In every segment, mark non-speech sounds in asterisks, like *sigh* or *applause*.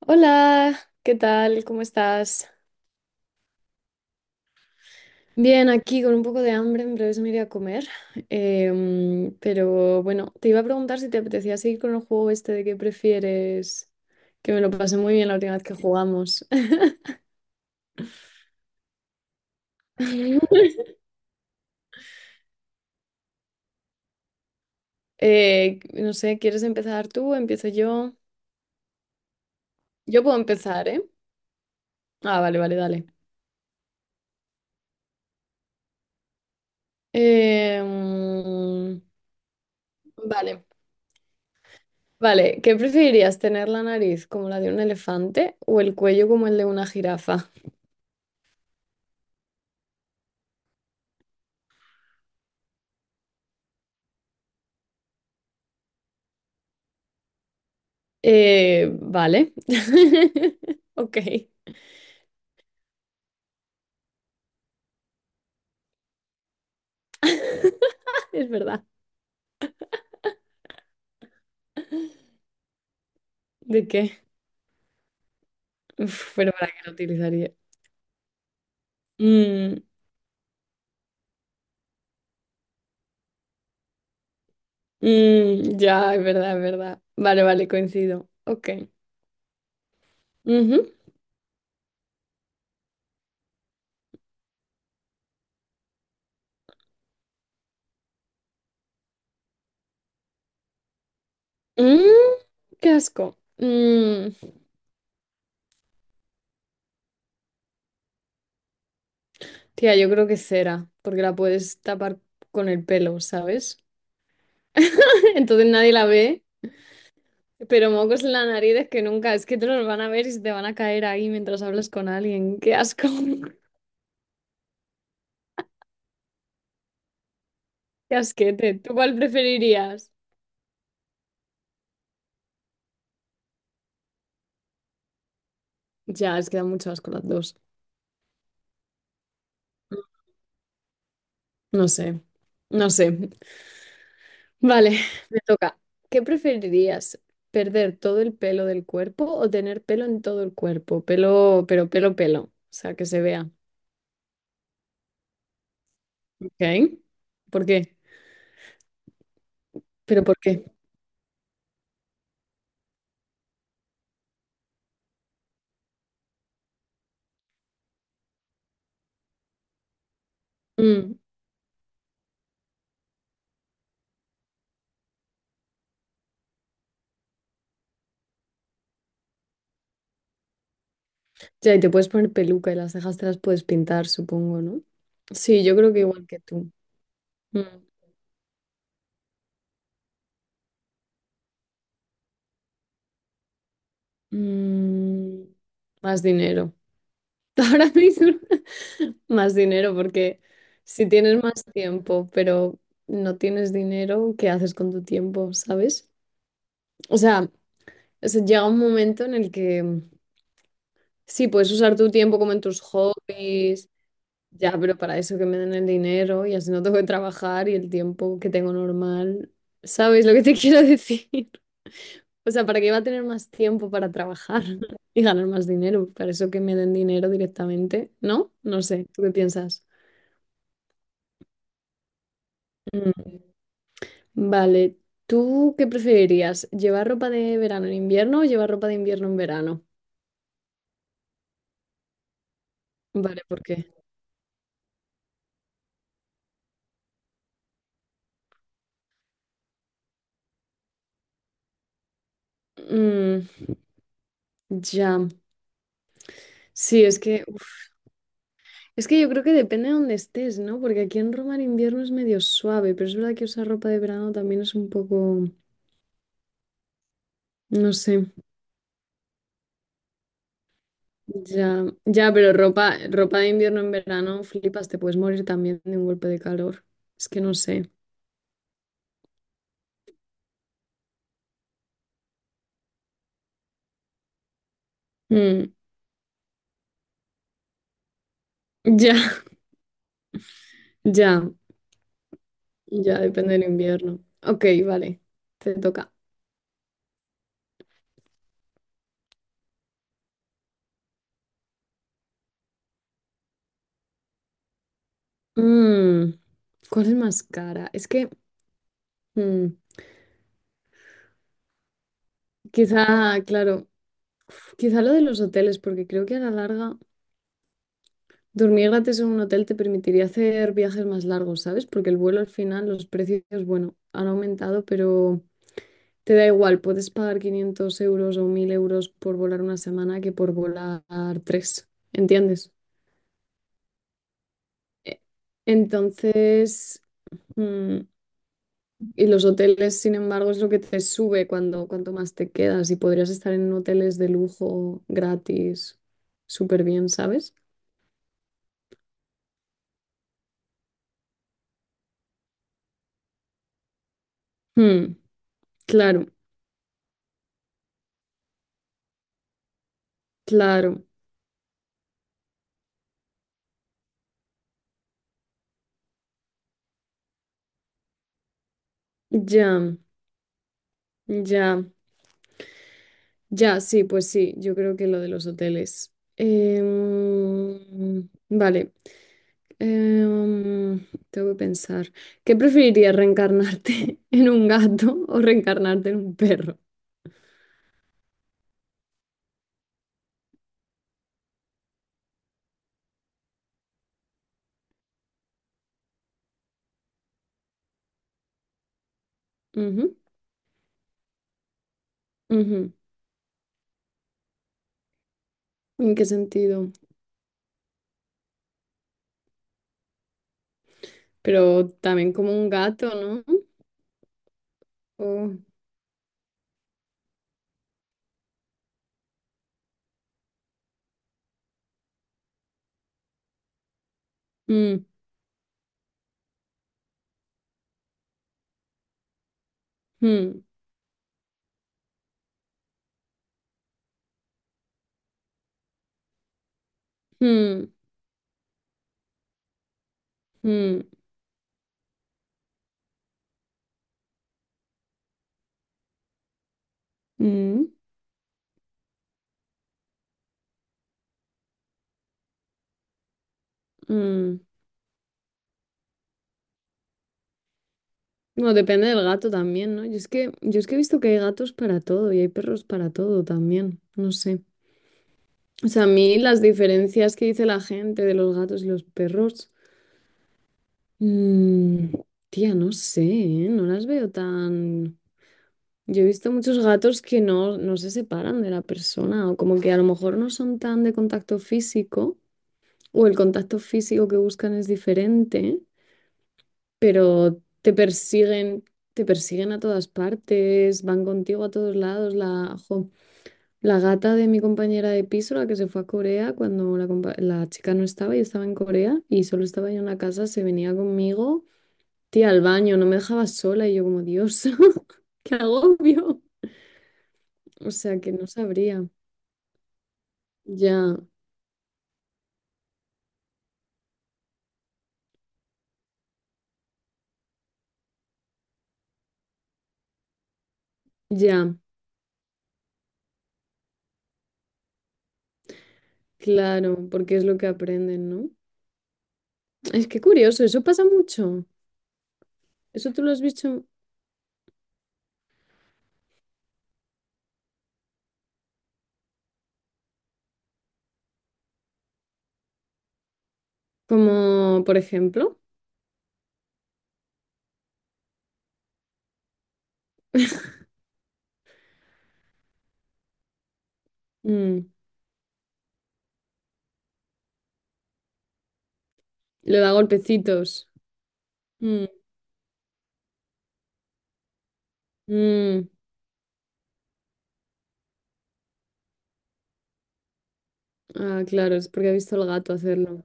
Hola, ¿qué tal? ¿Cómo estás? Bien, aquí con un poco de hambre, en breves me iré a comer. Pero bueno, te iba a preguntar si te apetecía seguir con el juego este de qué prefieres, que me lo pasé muy bien la última vez que jugamos. *laughs* No sé, ¿quieres empezar tú? ¿Empiezo yo? Yo puedo empezar, ¿eh? Ah, vale, vale, dale. Em, vale, vale. ¿Qué preferirías, tener la nariz como la de un elefante o el cuello como el de una jirafa? Vale. *laughs* Ok. *laughs* Es verdad. ¿De qué? Uf, pero ¿para qué lo utilizaría? Mm, mm, ya, es verdad, es verdad. Vale, vale, coincido. Ok. Ujú. Mm, qué asco. Tía, yo creo que cera, porque la puedes tapar con el pelo, ¿sabes? *laughs* Entonces nadie la ve, pero mocos en la nariz es que nunca, es que te los van a ver y se te van a caer ahí mientras hablas con alguien. Qué asco. Qué asquete. ¿Tú cuál preferirías? Ya, es que da mucho asco las dos. No sé. No sé. Vale, *laughs* me toca. ¿Qué preferirías? ¿Perder todo el pelo del cuerpo o tener pelo en todo el cuerpo? Pelo, pero pelo, pelo. O sea, que se vea. ¿Ok? ¿Por qué? ¿Pero por qué? Mm. Ya, y te puedes poner peluca y las cejas te las puedes pintar, supongo, ¿no? Sí, yo creo que igual que tú. Mm. Mm, Más dinero. *laughs* Ahora mismo más dinero, porque si tienes más tiempo, pero no tienes dinero, ¿qué haces con tu tiempo, sabes? O sea, se llega un momento en el que sí, puedes usar tu tiempo como en tus hobbies, ya, pero para eso que me den el dinero y así no tengo que trabajar y el tiempo que tengo normal, ¿sabes lo que te *laughs* quiero decir? O sea, ¿para qué iba a tener más tiempo para trabajar *laughs* y ganar más dinero? Para eso que me den dinero directamente, ¿no? No sé, ¿tú qué piensas? Vale, ¿tú qué preferirías? ¿Llevar ropa de verano en invierno o llevar ropa de invierno en verano? Vale, ¿por qué? Mm, ya. Sí, es que, uf, es que yo creo que depende de dónde estés, ¿no? Porque aquí en Roma el invierno es medio suave, pero es verdad que usar ropa de verano también es un poco, no sé, ya, ya, pero ropa, ropa de invierno en verano, flipas, te puedes morir también de un golpe de calor. Es que no sé. Mm, ya, *laughs* ya, ya, depende del invierno. Ok, vale, te toca. Mm, ¿cuál es más cara? Es que mm, quizá, claro, uf, quizá lo de los hoteles, porque creo que a la larga dormir gratis en un hotel te permitiría hacer viajes más largos, ¿sabes? Porque el vuelo al final, los precios, bueno, han aumentado, pero te da igual, puedes pagar 500 € o 1.000 € por volar una semana que por volar tres, ¿entiendes? E- Entonces, mm, Y los hoteles, sin embargo, es lo que te sube cuando cuanto más te quedas y podrías estar en hoteles de lujo gratis, súper bien, ¿sabes? Hmm, claro, claro, ya, ya, ya, sí, pues sí, yo creo que lo de los hoteles. Vale, em, tengo que pensar. ¿Qué preferirías, reencarnarte *laughs* en un gato o reencarnarte en un perro? Ujú, ujú. ¿En qué sentido? Pero también como un gato, ¿no? O- mm, mm, mm, mm, mm, mm. Bueno, depende del gato también, ¿no? Yo es que he visto que hay gatos para todo y hay perros para todo también, no sé. O sea, a mí las diferencias que dice la gente de los gatos y los perros, mm, tía, no sé, ¿eh? No las veo tan... Yo he visto muchos gatos que no, no se separan de la persona o como que a lo mejor no son tan de contacto físico. O el contacto físico que buscan es diferente, pero te persiguen a todas partes, van contigo a todos lados. La, jo, la gata de mi compañera de piso, la que se fue a Corea cuando la chica no estaba y estaba en Corea y solo estaba yo en la casa, se venía conmigo, tía, al baño, no me dejaba sola y yo como, Dios, *laughs* qué agobio. O sea que no sabría. Ya, ya, claro, porque es lo que aprenden, ¿no? Es que curioso, eso pasa mucho. ¿Eso tú lo has visto como, por ejemplo? *laughs* Mm, Le da golpecitos. Mm, mm. Ah, claro, es porque ha visto al gato hacerlo.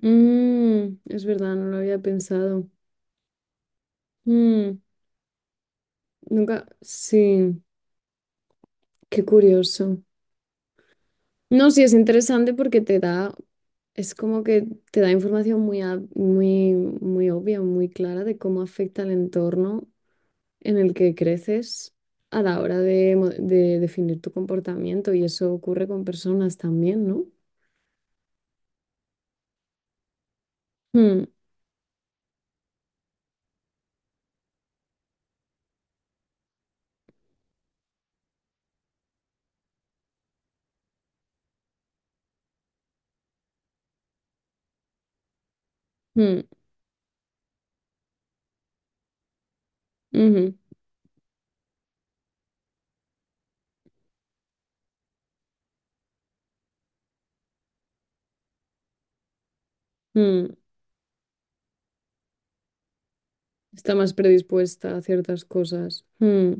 Es verdad, no lo había pensado. Mm, nunca. Sí, qué curioso. No, sí, es interesante porque te da. Es como que te da información muy, muy, muy obvia, muy clara de cómo afecta el entorno en el que creces a la hora de definir tu comportamiento y eso ocurre con personas también, ¿no? Mm, mm, ujú, mm. Está más predispuesta a ciertas cosas. Mm.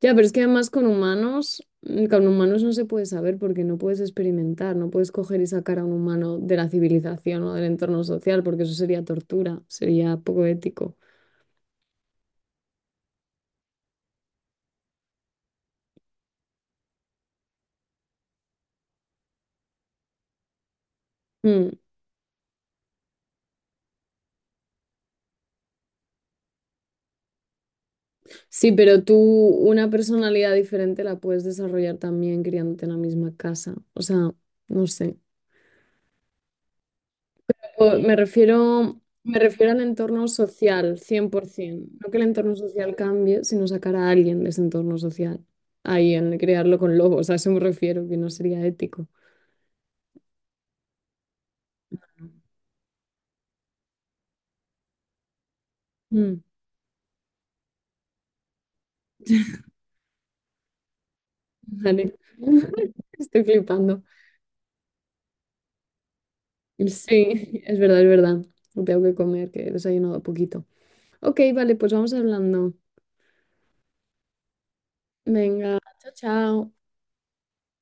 Ya, pero es que además con humanos no se puede saber porque no puedes experimentar, no puedes coger y sacar a un humano de la civilización o del entorno social porque eso sería tortura, sería poco ético. Hmm. Sí, pero tú una personalidad diferente la puedes desarrollar también criándote en la misma casa. O sea, no sé. Me refiero, al entorno social, 100%. No que el entorno social cambie, sino sacar a alguien de ese entorno social. Ahí, en crearlo con lobos, a eso me refiero, que no sería ético. Mm, vale. *laughs* Estoy flipando. Sí, es verdad, es verdad. Tengo que comer, que he desayunado poquito. Ok, vale, pues vamos hablando. Venga, chao, chao.